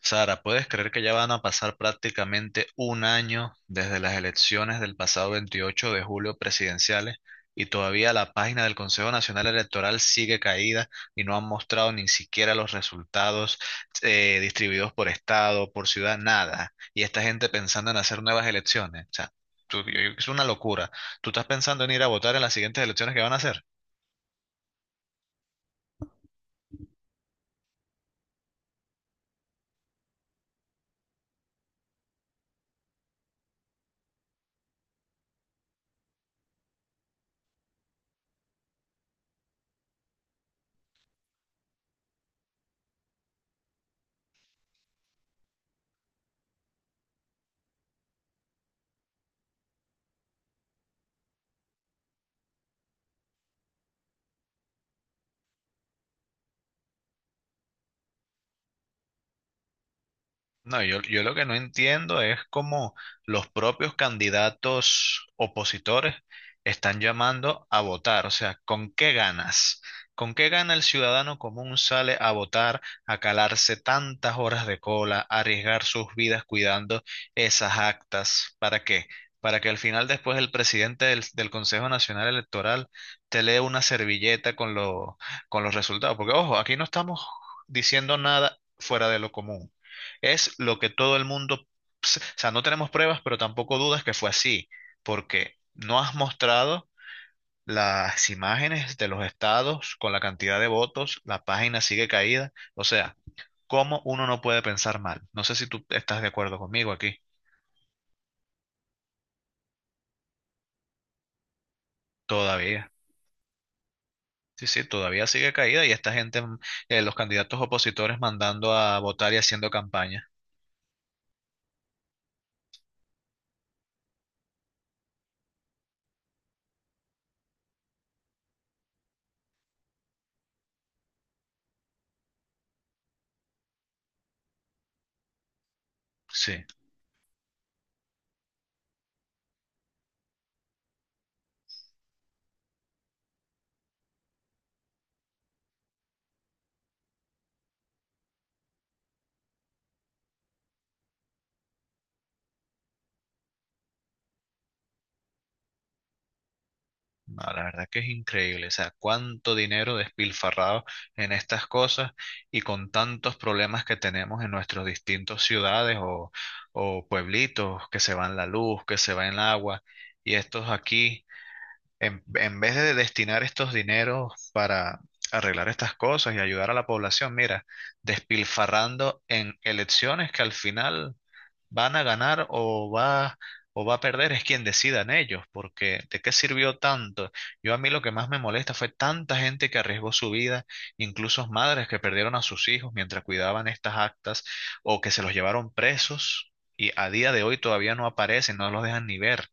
Sara, ¿puedes creer que ya van a pasar prácticamente un año desde las elecciones del pasado 28 de julio presidenciales y todavía la página del Consejo Nacional Electoral sigue caída y no han mostrado ni siquiera los resultados distribuidos por estado, por ciudad, nada? Y esta gente pensando en hacer nuevas elecciones. O sea, tú- yo- es una locura. ¿Tú estás pensando en ir a votar en las siguientes elecciones que van a hacer? No, yo lo que no entiendo es cómo los propios candidatos opositores están llamando a votar. O sea, ¿con qué ganas? ¿Con qué gana el ciudadano común sale a votar, a calarse tantas horas de cola, a arriesgar sus vidas cuidando esas actas? ¿Para qué? Para que al final después el presidente del Consejo Nacional Electoral te lee una servilleta con, lo- con los resultados. Porque, ojo, aquí no estamos diciendo nada fuera de lo común. Es lo que todo el mundo, o sea, no tenemos pruebas, pero tampoco dudas que fue así, porque no has mostrado las imágenes de los estados con la cantidad de votos, la página sigue caída, o sea, ¿cómo uno no puede pensar mal? No sé si tú estás de acuerdo conmigo aquí, todavía. Sí, sí, todavía sigue caída y esta gente, los candidatos opositores mandando a votar y haciendo campaña. Sí, no, la verdad que es increíble, o sea, cuánto dinero despilfarrado en estas cosas y con tantos problemas que tenemos en nuestras distintas ciudades o pueblitos, que se va en la luz, que se va en el agua, y estos aquí. En vez de destinar estos dineros para arreglar estas cosas y ayudar a la población, mira, despilfarrando en elecciones que al final van a ganar o va a perder, es quien decidan ellos, porque ¿de qué sirvió tanto? Yo a mí lo que más me molesta fue tanta gente que arriesgó su vida, incluso madres que perdieron a sus hijos mientras cuidaban estas actas o que se los llevaron presos. Y a día de hoy todavía no aparecen, no los dejan ni ver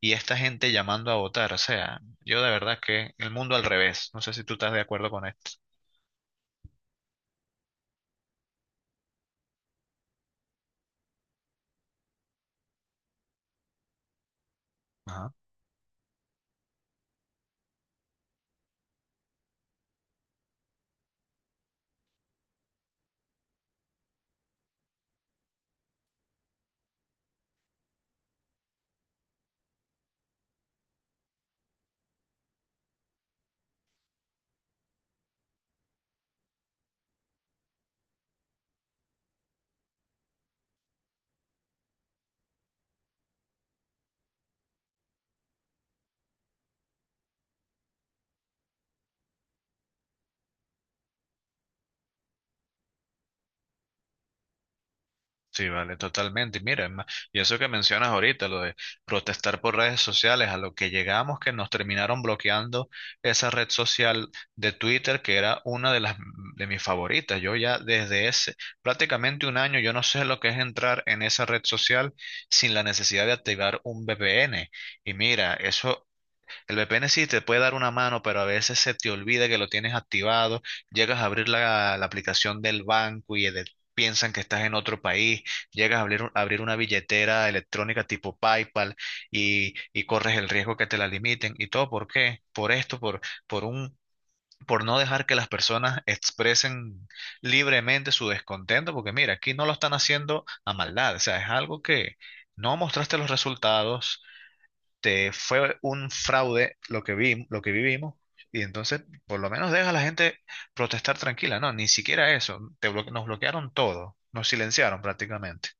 y esta gente llamando a votar. O sea, yo de verdad que el mundo al revés. No sé si tú estás de acuerdo con esto. Ajá. Sí, vale, totalmente. Y mira, es más, y eso que mencionas ahorita, lo de protestar por redes sociales, a lo que llegamos que nos terminaron bloqueando esa red social de Twitter, que era una de las de mis favoritas. Yo ya desde ese prácticamente un año, yo no sé lo que es entrar en esa red social sin la necesidad de activar un VPN. Y mira, eso. El VPN sí te puede dar una mano, pero a veces se te olvida que lo tienes activado, llegas a abrir la aplicación del banco y de- piensan que estás en otro país, llegas a abrir, un- abrir una billetera electrónica tipo PayPal y corres el riesgo que te la limiten. ¿Y todo por qué? Por esto, por un... por no dejar que las personas expresen libremente su descontento, porque mira, aquí no lo están haciendo a maldad, o sea, es algo que no mostraste los resultados, este, fue un fraude lo que vi, lo que vivimos. Y entonces, por lo menos deja a la gente protestar tranquila. No, ni siquiera eso. Te bloque- nos bloquearon todo. Nos silenciaron prácticamente.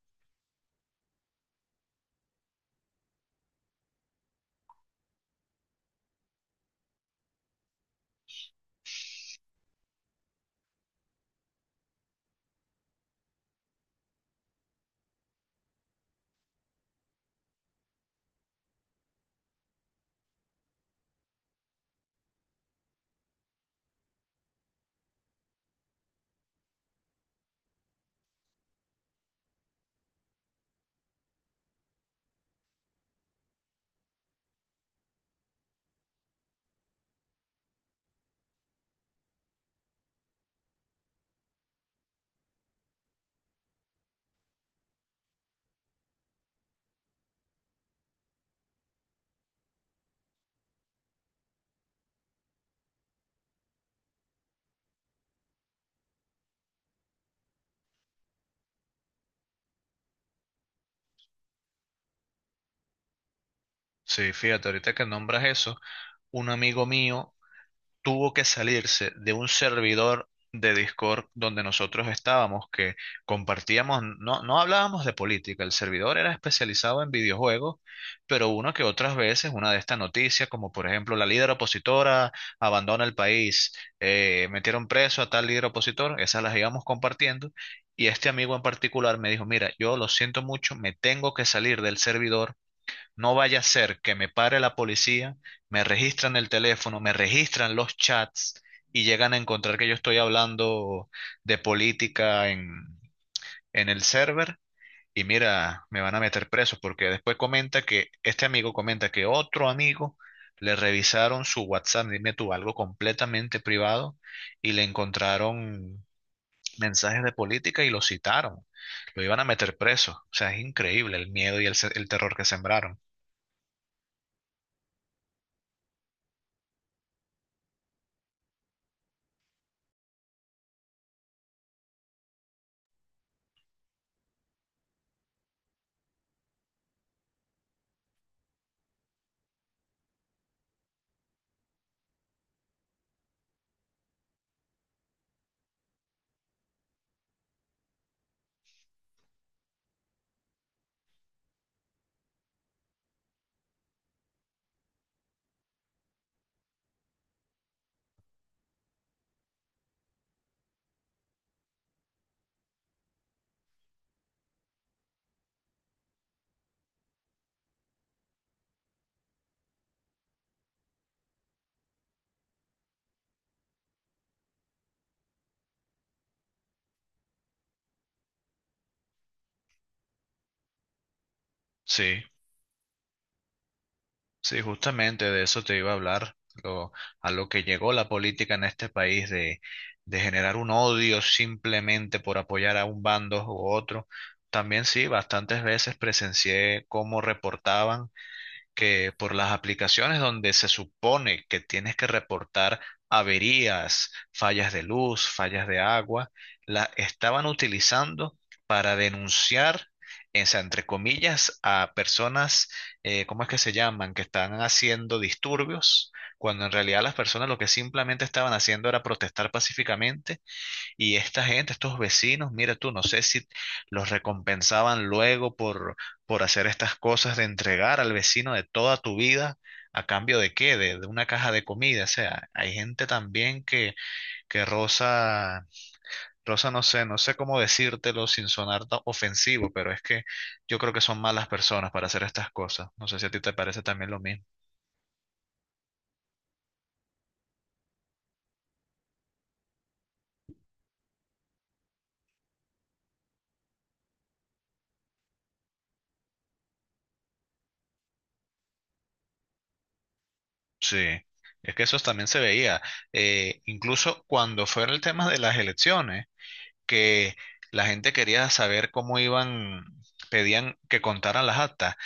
Sí, fíjate, ahorita que nombras eso, un amigo mío tuvo que salirse de un servidor de Discord donde nosotros estábamos, que compartíamos, no hablábamos de política, el servidor era especializado en videojuegos, pero uno que otras veces, una de estas noticias, como por ejemplo la líder opositora abandona el país, metieron preso a tal líder opositor, esas las íbamos compartiendo, y este amigo en particular me dijo, mira, yo lo siento mucho, me tengo que salir del servidor no vaya a ser que me pare la policía, me registran el teléfono, me registran los chats y llegan a encontrar que yo estoy hablando de política en el server. Y mira, me van a meter preso porque después comenta que este amigo comenta que otro amigo le revisaron su WhatsApp, dime tú, algo completamente privado y le encontraron mensajes de política y lo citaron. Lo iban a meter preso. O sea, es increíble el miedo y el, se- el terror que sembraron. Sí. Sí, justamente de eso te iba a hablar, lo- a lo que llegó la política en este país de generar un odio simplemente por apoyar a un bando u otro. También sí, bastantes veces presencié cómo reportaban que por las aplicaciones donde se supone que tienes que reportar averías, fallas de luz, fallas de agua, la estaban utilizando para denunciar, o sea, entre comillas, a personas, ¿cómo es que se llaman?, que están haciendo disturbios, cuando en realidad las personas lo que simplemente estaban haciendo era protestar pacíficamente y esta gente, estos vecinos, mira tú, no sé si los recompensaban luego por hacer estas cosas de entregar al vecino de toda tu vida, a cambio de qué, de una caja de comida. O sea, hay gente también que rosa, rosa, no sé, no sé cómo decírtelo sin sonar ta- ofensivo, pero es que yo creo que son malas personas para hacer estas cosas. No sé si a ti te parece también lo mismo. Sí. Es que eso también se veía, incluso cuando fue el tema de las elecciones que la gente quería saber cómo iban, pedían que contaran las actas.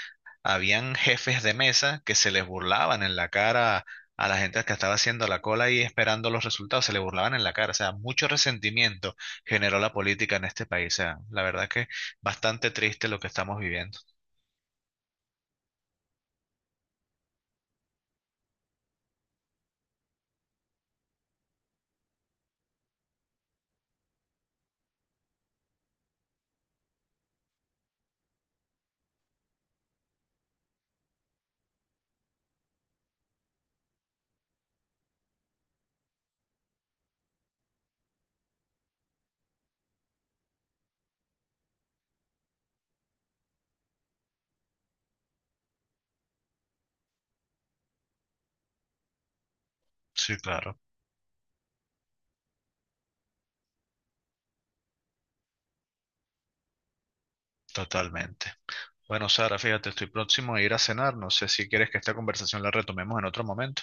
Habían jefes de mesa que se les burlaban en la cara a la gente que estaba haciendo la cola y esperando los resultados, se les burlaban en la cara. O sea, mucho resentimiento generó la política en este país. O sea, la verdad que bastante triste lo que estamos viviendo. Sí, claro, totalmente. Bueno, Sara, fíjate, estoy próximo a ir a cenar. No sé si quieres que esta conversación la retomemos en otro momento.